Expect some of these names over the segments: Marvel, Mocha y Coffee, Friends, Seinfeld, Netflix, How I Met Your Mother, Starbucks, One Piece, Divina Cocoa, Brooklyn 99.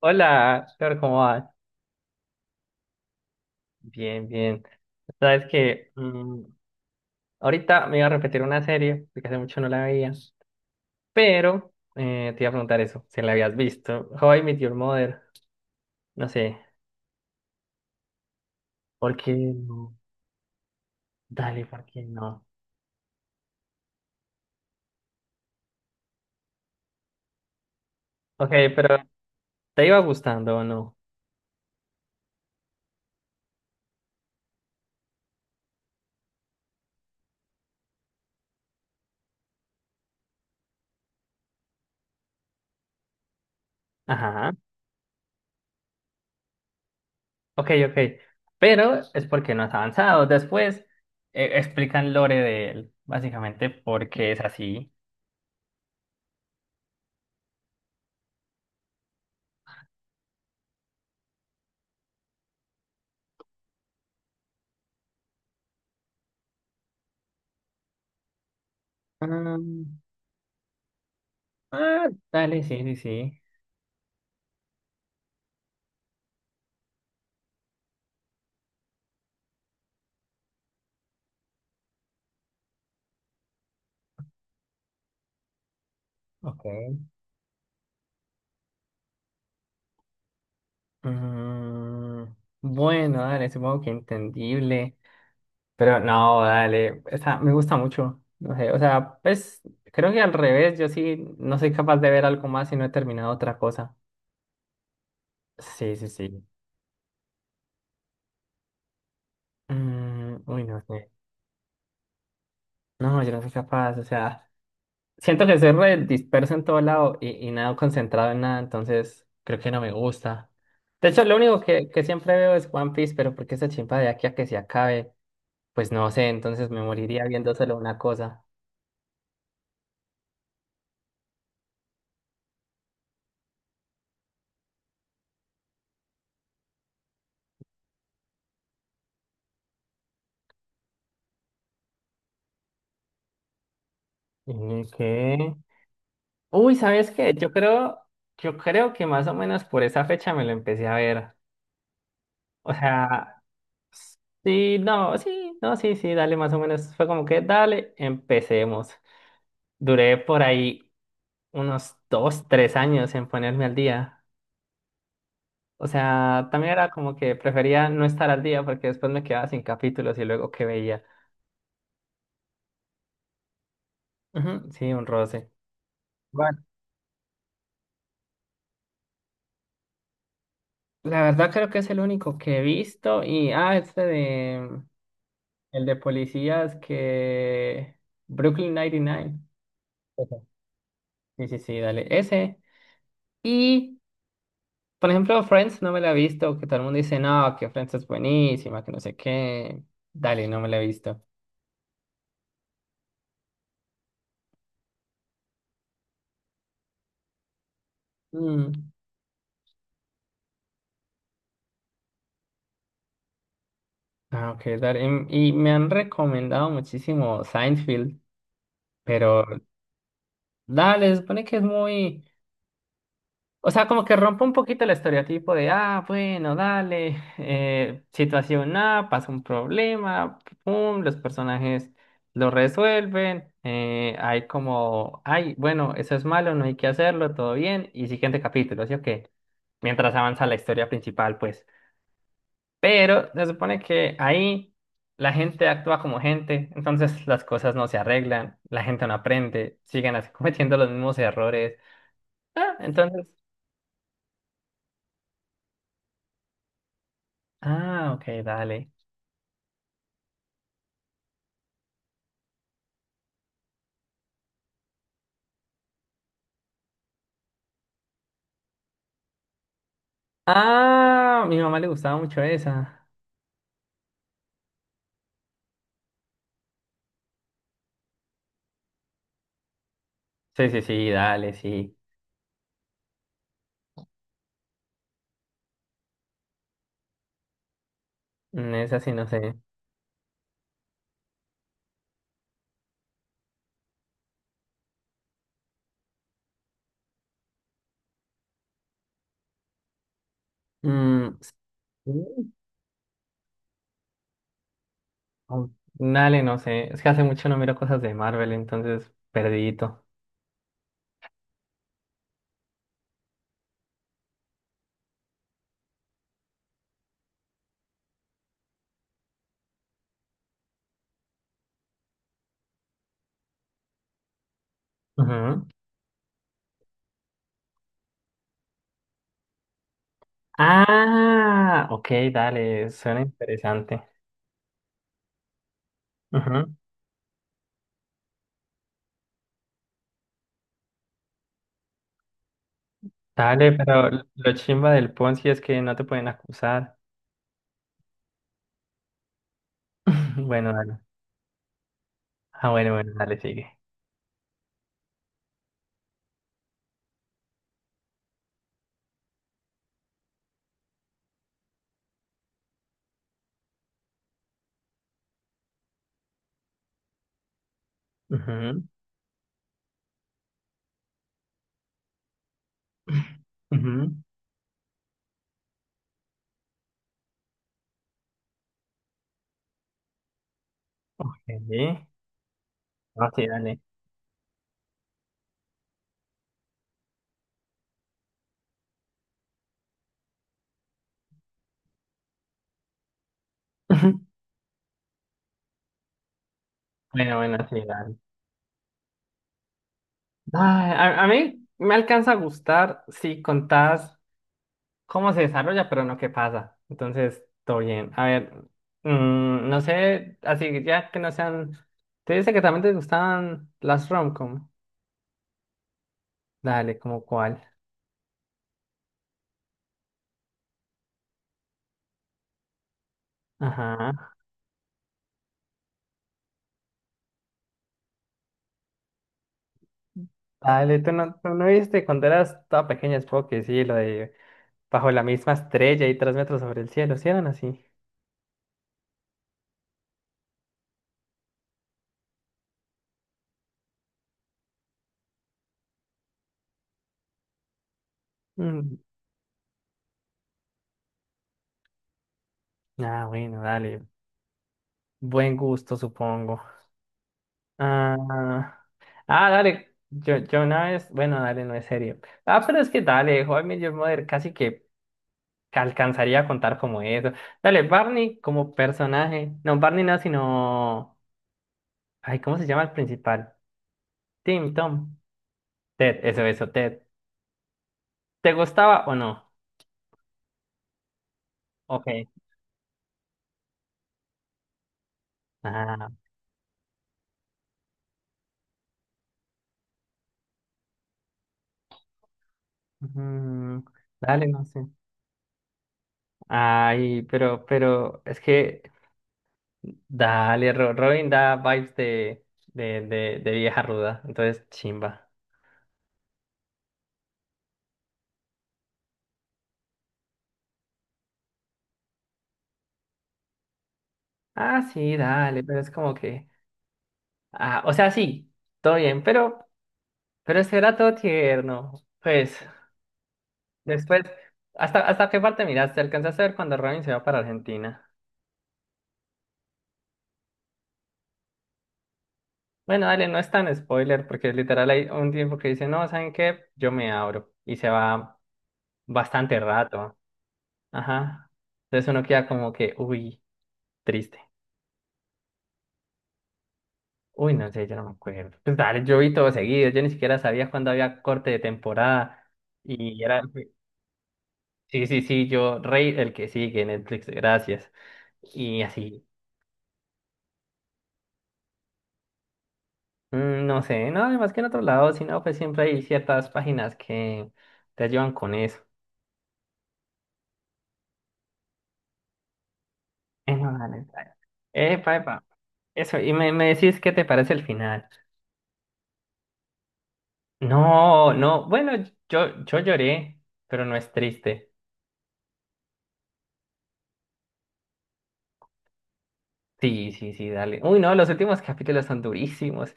Hola, Flor, ¿cómo vas? Bien, bien. Sabes que ahorita me iba a repetir una serie, porque hace mucho no la veía, pero te iba a preguntar eso, si la habías visto. How I Met Your Mother, no sé, ¿por qué no? Dale, ¿por qué no? Ok, pero ¿te iba gustando o no? Ajá, ok, ok. Pero es porque no has avanzado. Después explican lore de él, básicamente porque es así. Mm, ah, dale, sí, sí, sí. Ok. Mm, bueno, dale, supongo que entendible. Pero no, dale, o sea, me gusta mucho. No sé, o sea, pues creo que al revés, yo sí no soy capaz de ver algo más si no he terminado otra cosa. Sí, sí, sí. Mm, uy, no sé. No, yo no soy capaz, o sea, siento que soy re disperso en todo lado y nada concentrado en nada, entonces creo que no me gusta. De hecho, lo único que siempre veo es One Piece, pero porque esa chimpa de aquí a que se acabe. Pues no sé, entonces me moriría viendo solo una cosa. ¿Y qué? Uy, ¿sabes qué? Yo creo que más o menos por esa fecha me lo empecé a ver. O sea, sí, no, sí, no, sí, sí, dale, más o menos. Fue como que, dale, empecemos. Duré por ahí unos dos, tres años en ponerme al día. O sea, también era como que prefería no estar al día porque después me quedaba sin capítulos y luego qué veía. Ujú, sí, un roce. La verdad creo que es el único que he visto. Y, ah, este de... El de policías que... Brooklyn 99. Ujú. Sí, sí, sí, dale. Ese. Y, por ejemplo, Friends no me la he visto, que todo el mundo dice, no, que Friends es buenísima, que no sé qué. Dale, no me la he visto. Mm. Ah, ok, dale. Y me han recomendado muchísimo Seinfeld, pero dale, se supone que es muy... O sea, como que rompe un poquito el estereotipo de, ah, bueno, dale, situación A, pasa un problema, pum, los personajes lo resuelven, hay como, ay, bueno, eso es malo, no hay que hacerlo, todo bien, y siguiente capítulo, así que mientras avanza la historia principal, pues. Pero se supone que ahí la gente actúa como gente, entonces las cosas no se arreglan, la gente no aprende, siguen así cometiendo los mismos errores. Ah, entonces, ah, ok, dale. Ah, a mi mamá le gustaba mucho esa. Sí, sí, sí, dale, sí. Mm, esa sí, no sé. Mm, sí, oh, dale, no sé. Es que hace mucho no miro cosas de Marvel, entonces perdidito. Ujú. Ah, ok, dale, suena interesante. Ujú. Dale, pero lo chimba del Ponzi es que no te pueden acusar. Bueno, dale. Ah, bueno, bueno, dale, sigue. Ujú. Ujú. Ok. Sí. Ah, sí, dale. Bueno, bueno, sí, dale. Ay, a mí me alcanza a gustar si contás cómo se desarrolla, pero no qué pasa. Entonces, todo bien. A ver, mm, no sé, así que ya que no sean... Te dice que también te gustaban las romcom. Dale, ¿como cuál? Ajá. Dale, tú no viste cuando eras toda pequeña, supongo que sí, lo de bajo la misma estrella y tres metros sobre el cielo, ¿sí eran así? Mm, ah, bueno, dale. Buen gusto, supongo. Ah, ah, dale. Yo una vez, bueno, dale, no es serio. Ah, pero es que dale, How I Met Your Mother casi que alcanzaría a contar como eso. Dale, Barney como personaje. No, Barney no, sino. Ay, ¿cómo se llama el principal? Tim, Tom. Ted, eso, Ted. ¿Te gustaba o no? Ok. Ah, mm, dale, no sé. Ay, pero, es que. Dale, Ro- Robin da vibes de vieja ruda. Entonces, chimba. Ah, sí, dale, pero es como que, ah, o sea, sí, todo bien, pero ese era todo tierno. Pues, después, ¿hasta, hasta qué parte miraste? ¿Alcanzaste a ver cuando Robin se va para Argentina? Bueno, dale, no es tan spoiler, porque literal hay un tiempo que dice, no, ¿saben qué? Yo me abro, y se va bastante rato. Ajá. Entonces uno queda como que, uy, triste. Uy, no sé, yo no me acuerdo. Pues dale, yo vi todo seguido, yo ni siquiera sabía cuándo había corte de temporada, y era... Sí, sí, sí, yo, Rey, el que sigue, Netflix, gracias. Y así, mm, no sé, no, además que en otro lado, si no, pues siempre hay ciertas páginas que te ayudan con eso. No, dale, dale. Epa, epa. Eso, y me decís qué te parece el final. No, no, bueno, yo lloré, pero no es triste. Sí, sí, sí, dale. Uy, no, los últimos capítulos son durísimos,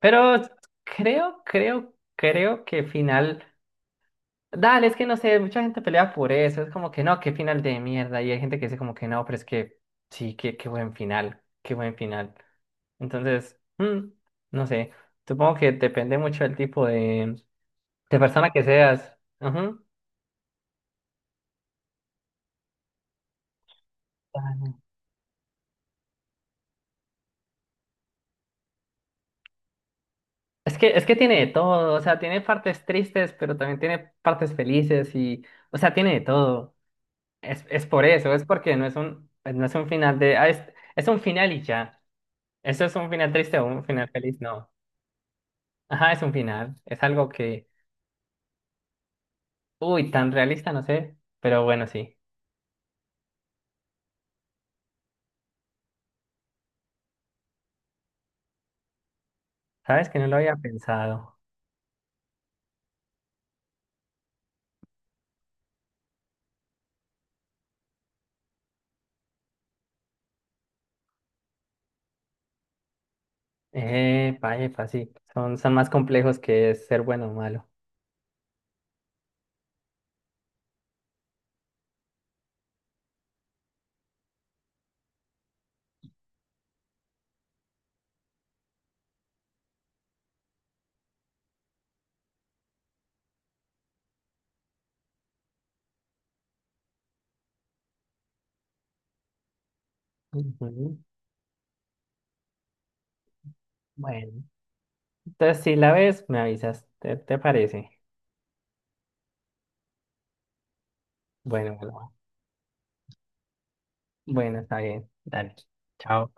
pero creo, creo, creo que final... Dale, es que no sé, mucha gente pelea por eso, es como que no, qué final de mierda, y hay gente que dice como que no, pero es que sí, qué, qué buen final, qué buen final. Entonces, mm, no sé, supongo que depende mucho del tipo de persona que seas. Ujú. Es que tiene de todo, o sea, tiene partes tristes, pero también tiene partes felices y, o sea, tiene de todo. Es por eso, es porque no es un, no es un final de, ah, es un final y ya. Eso es un final triste o un final feliz, no. Ajá, es un final. Es algo que, uy, tan realista, no sé, pero bueno, sí. Sabes que no lo había pensado. Epa, sí. Son, son más complejos que ser bueno o malo. Ujú. Bueno, entonces si la ves, me avisas. ¿Te, te parece? Bueno, bueno, bueno, está bien. Dale. Chao.